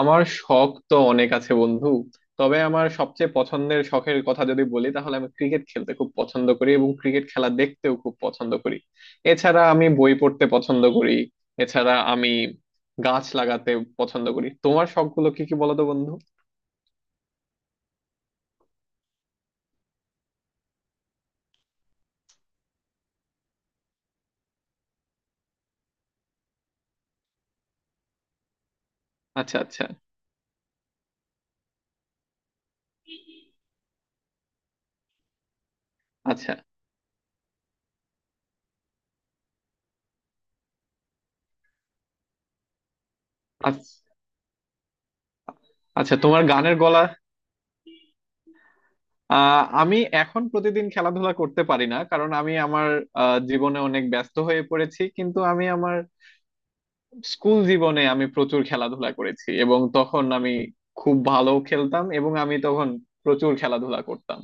আমার শখ তো অনেক আছে বন্ধু। তবে আমার সবচেয়ে পছন্দের শখের কথা যদি বলি তাহলে আমি ক্রিকেট খেলতে খুব পছন্দ করি এবং ক্রিকেট খেলা দেখতেও খুব পছন্দ করি। এছাড়া আমি বই পড়তে পছন্দ করি। এছাড়া আমি গাছ লাগাতে পছন্দ করি। তোমার শখগুলো কি কি বলো তো বন্ধু? আচ্ছা, আচ্ছা। আচ্ছা, আচ্ছা। আচ্ছা, তোমার গানের গলা। আমি এখন প্রতিদিন খেলাধুলা করতে পারি না, কারণ আমি আমার জীবনে অনেক ব্যস্ত হয়ে পড়েছি। কিন্তু আমি আমার স্কুল জীবনে আমি প্রচুর খেলাধুলা করেছি এবং তখন আমি খুব ভালো খেলতাম, এবং আমি তখন প্রচুর খেলাধুলা করতাম।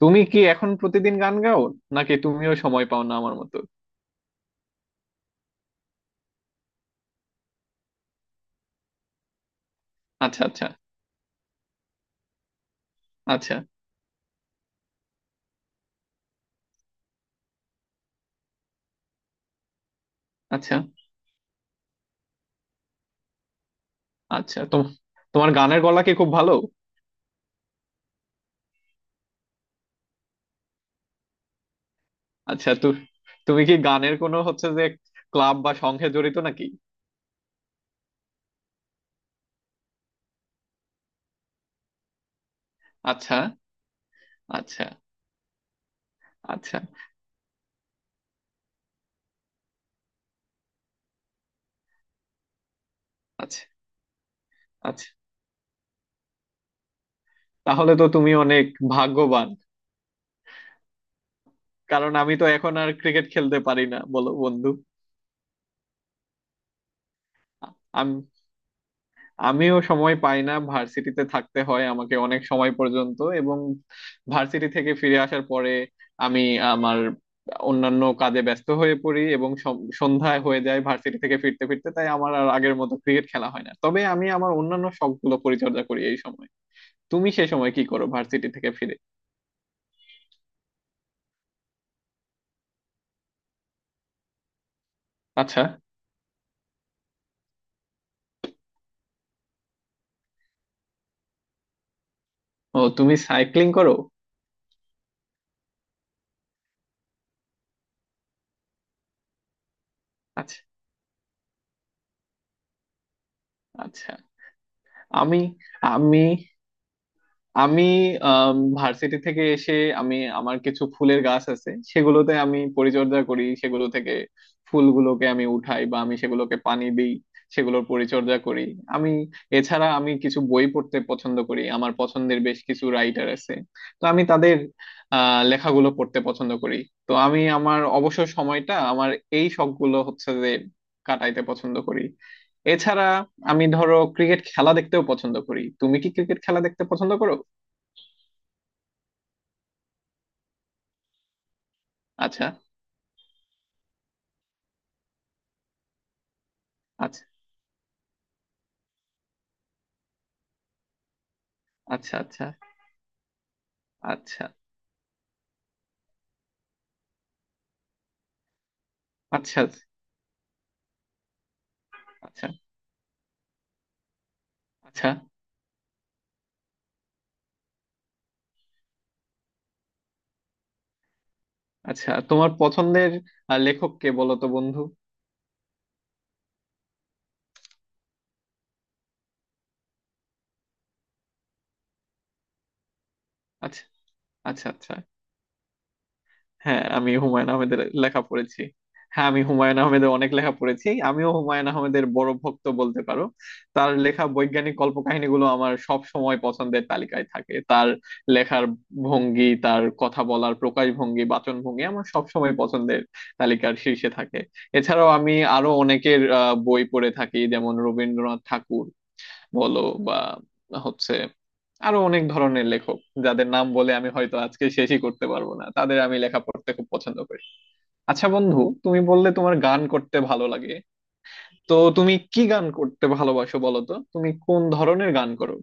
তুমি কি এখন প্রতিদিন গান গাও, নাকি তুমিও সময় পাও না আমার মতো? আচ্ছা, আচ্ছা। আচ্ছা, আচ্ছা। আচ্ছা, তোমার গানের গলা কি খুব ভালো? আচ্ছা, তুমি কি গানের কোনো হচ্ছে যে ক্লাব বা সংঘে জড়িত নাকি? আচ্ছা। আচ্ছা। আচ্ছা। আচ্ছা। আচ্ছা। তাহলে তো তুমি অনেক ভাগ্যবান, কারণ আমি তো এখন আর ক্রিকেট খেলতে পারি না, বলো বন্ধু। আমি আমিও সময় পাই না, ভার্সিটিতে থাকতে হয় আমাকে অনেক সময় পর্যন্ত। এবং ভার্সিটি থেকে ফিরে আসার পরে আমি আমার অন্যান্য কাজে ব্যস্ত হয়ে পড়ি, এবং সন্ধ্যায় হয়ে যায় ভার্সিটি থেকে ফিরতে ফিরতে। তাই আমার আর আগের মতো ক্রিকেট খেলা হয় না, তবে আমি আমার অন্যান্য শখগুলো পরিচর্যা করি এই সময়। তুমি সে সময় কি করো ভার্সিটি থেকে ফিরে? আচ্ছা। ও, তুমি সাইক্লিং করো? আচ্ছা, আচ্ছা। আমি আমি আমি ভার্সিটি থেকে এসে আমি, আমার কিছু ফুলের গাছ আছে, সেগুলোতে আমি পরিচর্যা করি। সেগুলো থেকে ফুলগুলোকে আমি উঠাই, বা আমি সেগুলোকে পানি দিই, সেগুলোর পরিচর্যা করি। আমি, এছাড়া আমি কিছু বই পড়তে পছন্দ করি। আমার পছন্দের বেশ কিছু রাইটার আছে, তো আমি তাদের লেখাগুলো পড়তে পছন্দ করি। তো আমি আমার অবসর সময়টা আমার এই শখগুলো হচ্ছে যে কাটাইতে পছন্দ করি। এছাড়া আমি ধরো ক্রিকেট খেলা দেখতেও পছন্দ করি। তুমি কি ক্রিকেট খেলা দেখতে পছন্দ করো? আচ্ছা। আচ্ছা। আচ্ছা। আচ্ছা। আচ্ছা, আচ্ছা আচ্ছা আচ্ছা আচ্ছা তোমার পছন্দের লেখক কে বলো তো বন্ধু? আচ্ছা আচ্ছা, আচ্ছা। হ্যাঁ, আমি হুমায়ুন আহমেদের লেখা পড়েছি। হ্যাঁ, আমি হুমায়ুন আহমেদের অনেক লেখা পড়েছি। আমিও হুমায়ুন আহমেদের বড় ভক্ত বলতে পারো। তার লেখা বৈজ্ঞানিক কল্পকাহিনীগুলো আমার সব সময় পছন্দের তালিকায় থাকে। তার লেখার ভঙ্গি, তার কথা বলার প্রকাশভঙ্গি, বাচনভঙ্গি আমার সব সময় পছন্দের তালিকার শীর্ষে থাকে। এছাড়াও আমি আরো অনেকের বই পড়ে থাকি, যেমন রবীন্দ্রনাথ ঠাকুর বলো, বা হচ্ছে আরো অনেক ধরনের লেখক, যাদের নাম বলে আমি হয়তো আজকে শেষই করতে পারবো না, তাদের আমি লেখা পড়তে খুব পছন্দ করি। আচ্ছা বন্ধু, তুমি বললে তোমার গান করতে ভালো লাগে, তো তুমি কি গান করতে ভালোবাসো, বলো তো তুমি কোন ধরনের গান করো?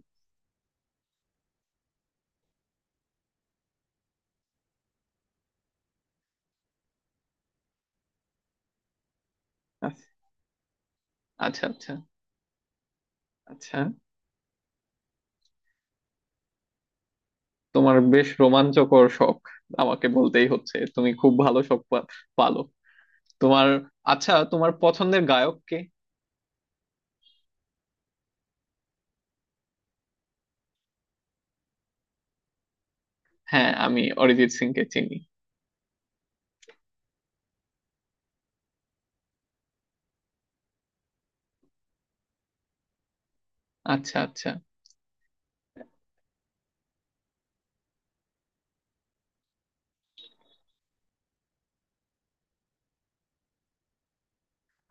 আচ্ছা, আচ্ছা। আচ্ছা তোমার বেশ রোমাঞ্চকর শখ। আমাকে বলতেই হচ্ছে তুমি খুব ভালো শখ পালো তোমার। আচ্ছা, তোমার পছন্দের গায়ক কে? হ্যাঁ, আমি অরিজিৎ সিং কে চিনি। আচ্ছা, আচ্ছা।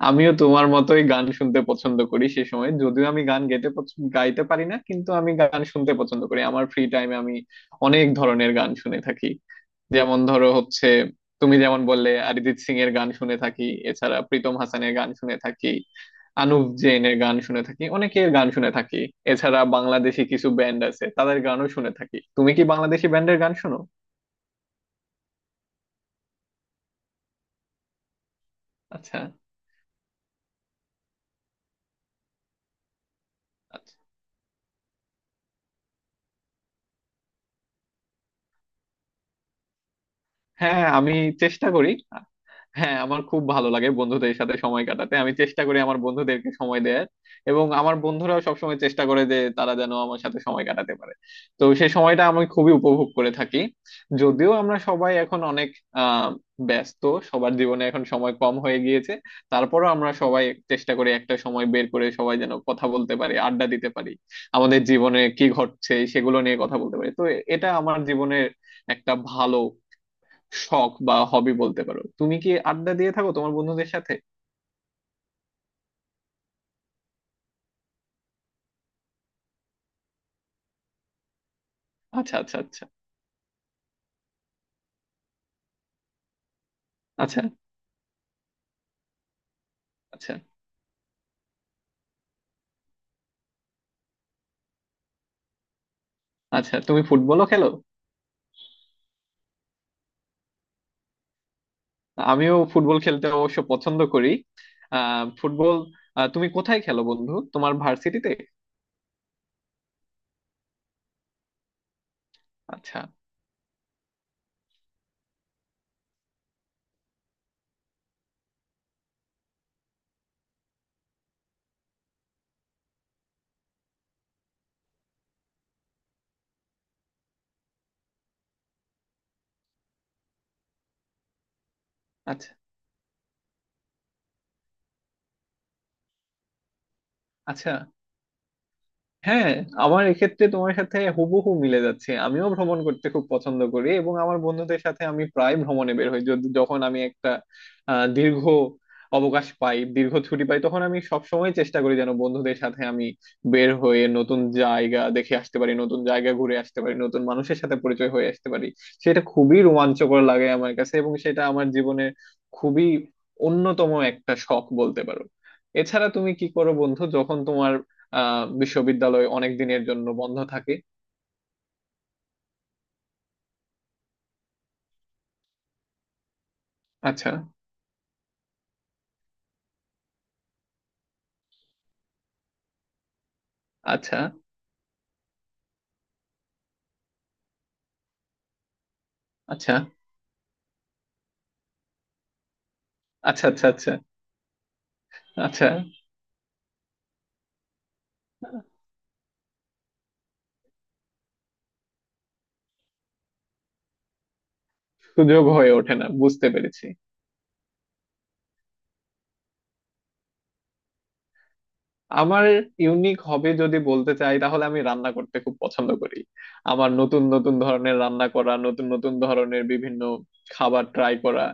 আমিও তোমার মতোই গান শুনতে পছন্দ করি সে সময়, যদিও আমি গান গাইতে গাইতে পারি না, কিন্তু আমি গান শুনতে পছন্দ করি। আমার ফ্রি টাইমে আমি অনেক ধরনের গান শুনে থাকি। যেমন ধরো হচ্ছে তুমি যেমন বললে, অরিজিৎ সিং এর গান শুনে থাকি, এছাড়া প্রীতম হাসানের গান শুনে থাকি, আনুপ জৈনের গান শুনে থাকি, অনেকের গান শুনে থাকি। এছাড়া বাংলাদেশি কিছু ব্যান্ড আছে, তাদের গানও শুনে থাকি। তুমি কি বাংলাদেশি ব্যান্ডের গান শোনো? আচ্ছা, আচ্ছা। হ্যাঁ, আমি চেষ্টা করি। হ্যাঁ, আমার খুব ভালো লাগে বন্ধুদের সাথে সময় কাটাতে। আমি চেষ্টা করি আমার বন্ধুদেরকে সময় দেয়ার, এবং আমার বন্ধুরাও সবসময় চেষ্টা করে যে তারা যেন আমার সাথে সময় কাটাতে পারে। তো সেই সময়টা আমি খুবই উপভোগ করে থাকি। যদিও আমরা সবাই এখন অনেক আহ ব্যস্ত, সবার জীবনে এখন সময় কম হয়ে গিয়েছে, তারপরও আমরা সবাই চেষ্টা করি একটা সময় বের করে, সবাই যেন কথা বলতে পারি, আড্ডা দিতে পারি, আমাদের জীবনে কি ঘটছে সেগুলো নিয়ে কথা বলতে পারি। তো এটা আমার জীবনের একটা ভালো শখ বা হবি বলতে পারো। তুমি কি আড্ডা দিয়ে থাকো তোমার বন্ধুদের সাথে? আচ্ছা। আচ্ছা। আচ্ছা। আচ্ছা আচ্ছা আচ্ছা তুমি ফুটবলও খেলো? আমিও ফুটবল খেলতে অবশ্য পছন্দ করি। আহ ফুটবল তুমি কোথায় খেলো বন্ধু, তোমার ভার্সিটিতে? আচ্ছা আচ্ছা, আচ্ছা। হ্যাঁ, আমার এক্ষেত্রে তোমার সাথে হুবহু মিলে যাচ্ছে। আমিও ভ্রমণ করতে খুব পছন্দ করি, এবং আমার বন্ধুদের সাথে আমি প্রায় ভ্রমণে বের হই। যখন আমি একটা দীর্ঘ অবকাশ পাই, দীর্ঘ ছুটি পাই, তখন আমি সবসময় চেষ্টা করি যেন বন্ধুদের সাথে আমি বের হয়ে নতুন জায়গা দেখে আসতে পারি, নতুন জায়গা ঘুরে আসতে পারি, নতুন মানুষের সাথে পরিচয় হয়ে আসতে পারি। সেটা খুবই রোমাঞ্চকর লাগে আমার কাছে, এবং সেটা আমার জীবনের খুবই অন্যতম একটা শখ বলতে পারো। এছাড়া তুমি কি করো বন্ধু, যখন তোমার বিশ্ববিদ্যালয় অনেক দিনের জন্য বন্ধ থাকে? আচ্ছা আচ্ছা আচ্ছা আচ্ছা আচ্ছা। আচ্ছা। আচ্ছা। সুযোগ হয়ে ওঠে না, বুঝতে পেরেছি। আমার ইউনিক হবে যদি বলতে চাই, তাহলে আমি রান্না করতে খুব পছন্দ করি। আমার নতুন নতুন ধরনের রান্না করা, নতুন নতুন ধরনের বিভিন্ন খাবার ট্রাই করা,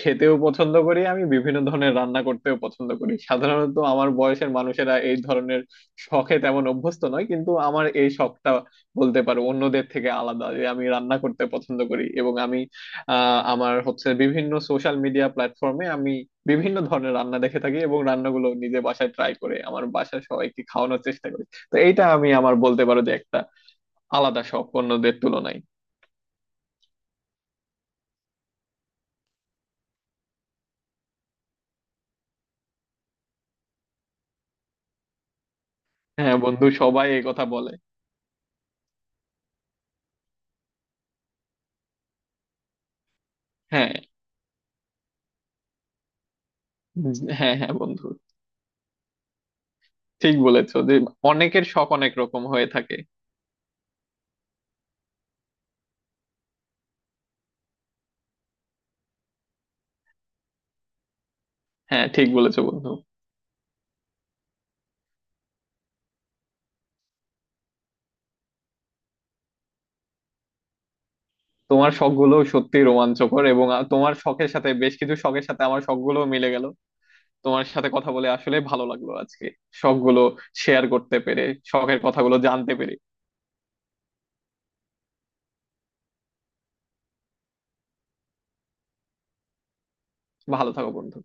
খেতেও পছন্দ করি। আমি বিভিন্ন ধরনের রান্না করতেও পছন্দ করি। সাধারণত আমার বয়সের মানুষেরা এই ধরনের শখে তেমন অভ্যস্ত নয়, কিন্তু আমার এই শখটা বলতে পারো অন্যদের থেকে আলাদা, যে আমি রান্না করতে পছন্দ করি। এবং আমি আমার হচ্ছে বিভিন্ন সোশ্যাল মিডিয়া প্ল্যাটফর্মে আমি বিভিন্ন ধরনের রান্না দেখে থাকি, এবং রান্নাগুলো নিজে বাসায় ট্রাই করে আমার বাসার সবাইকে খাওয়ানোর চেষ্টা করি। তো এইটা আমি আমার বলতে পারো যে একটা আলাদা শখ অন্যদের তুলনায়। হ্যাঁ বন্ধু, সবাই এই কথা বলে। হ্যাঁ। উম, হ্যাঁ, হ্যাঁ বন্ধু, ঠিক বলেছো যে অনেকের শখ অনেক রকম হয়ে থাকে। হ্যাঁ, ঠিক বলেছো বন্ধু। তোমার শখগুলো সত্যি রোমাঞ্চকর, এবং তোমার শখের সাথে, বেশ কিছু শখের সাথে আমার শখগুলো মিলে গেল। তোমার সাথে কথা বলে আসলে ভালো লাগলো আজকে, সবগুলো শেয়ার করতে পেরে, শখের কথাগুলো জানতে পেরে। ভালো থাকো বন্ধু।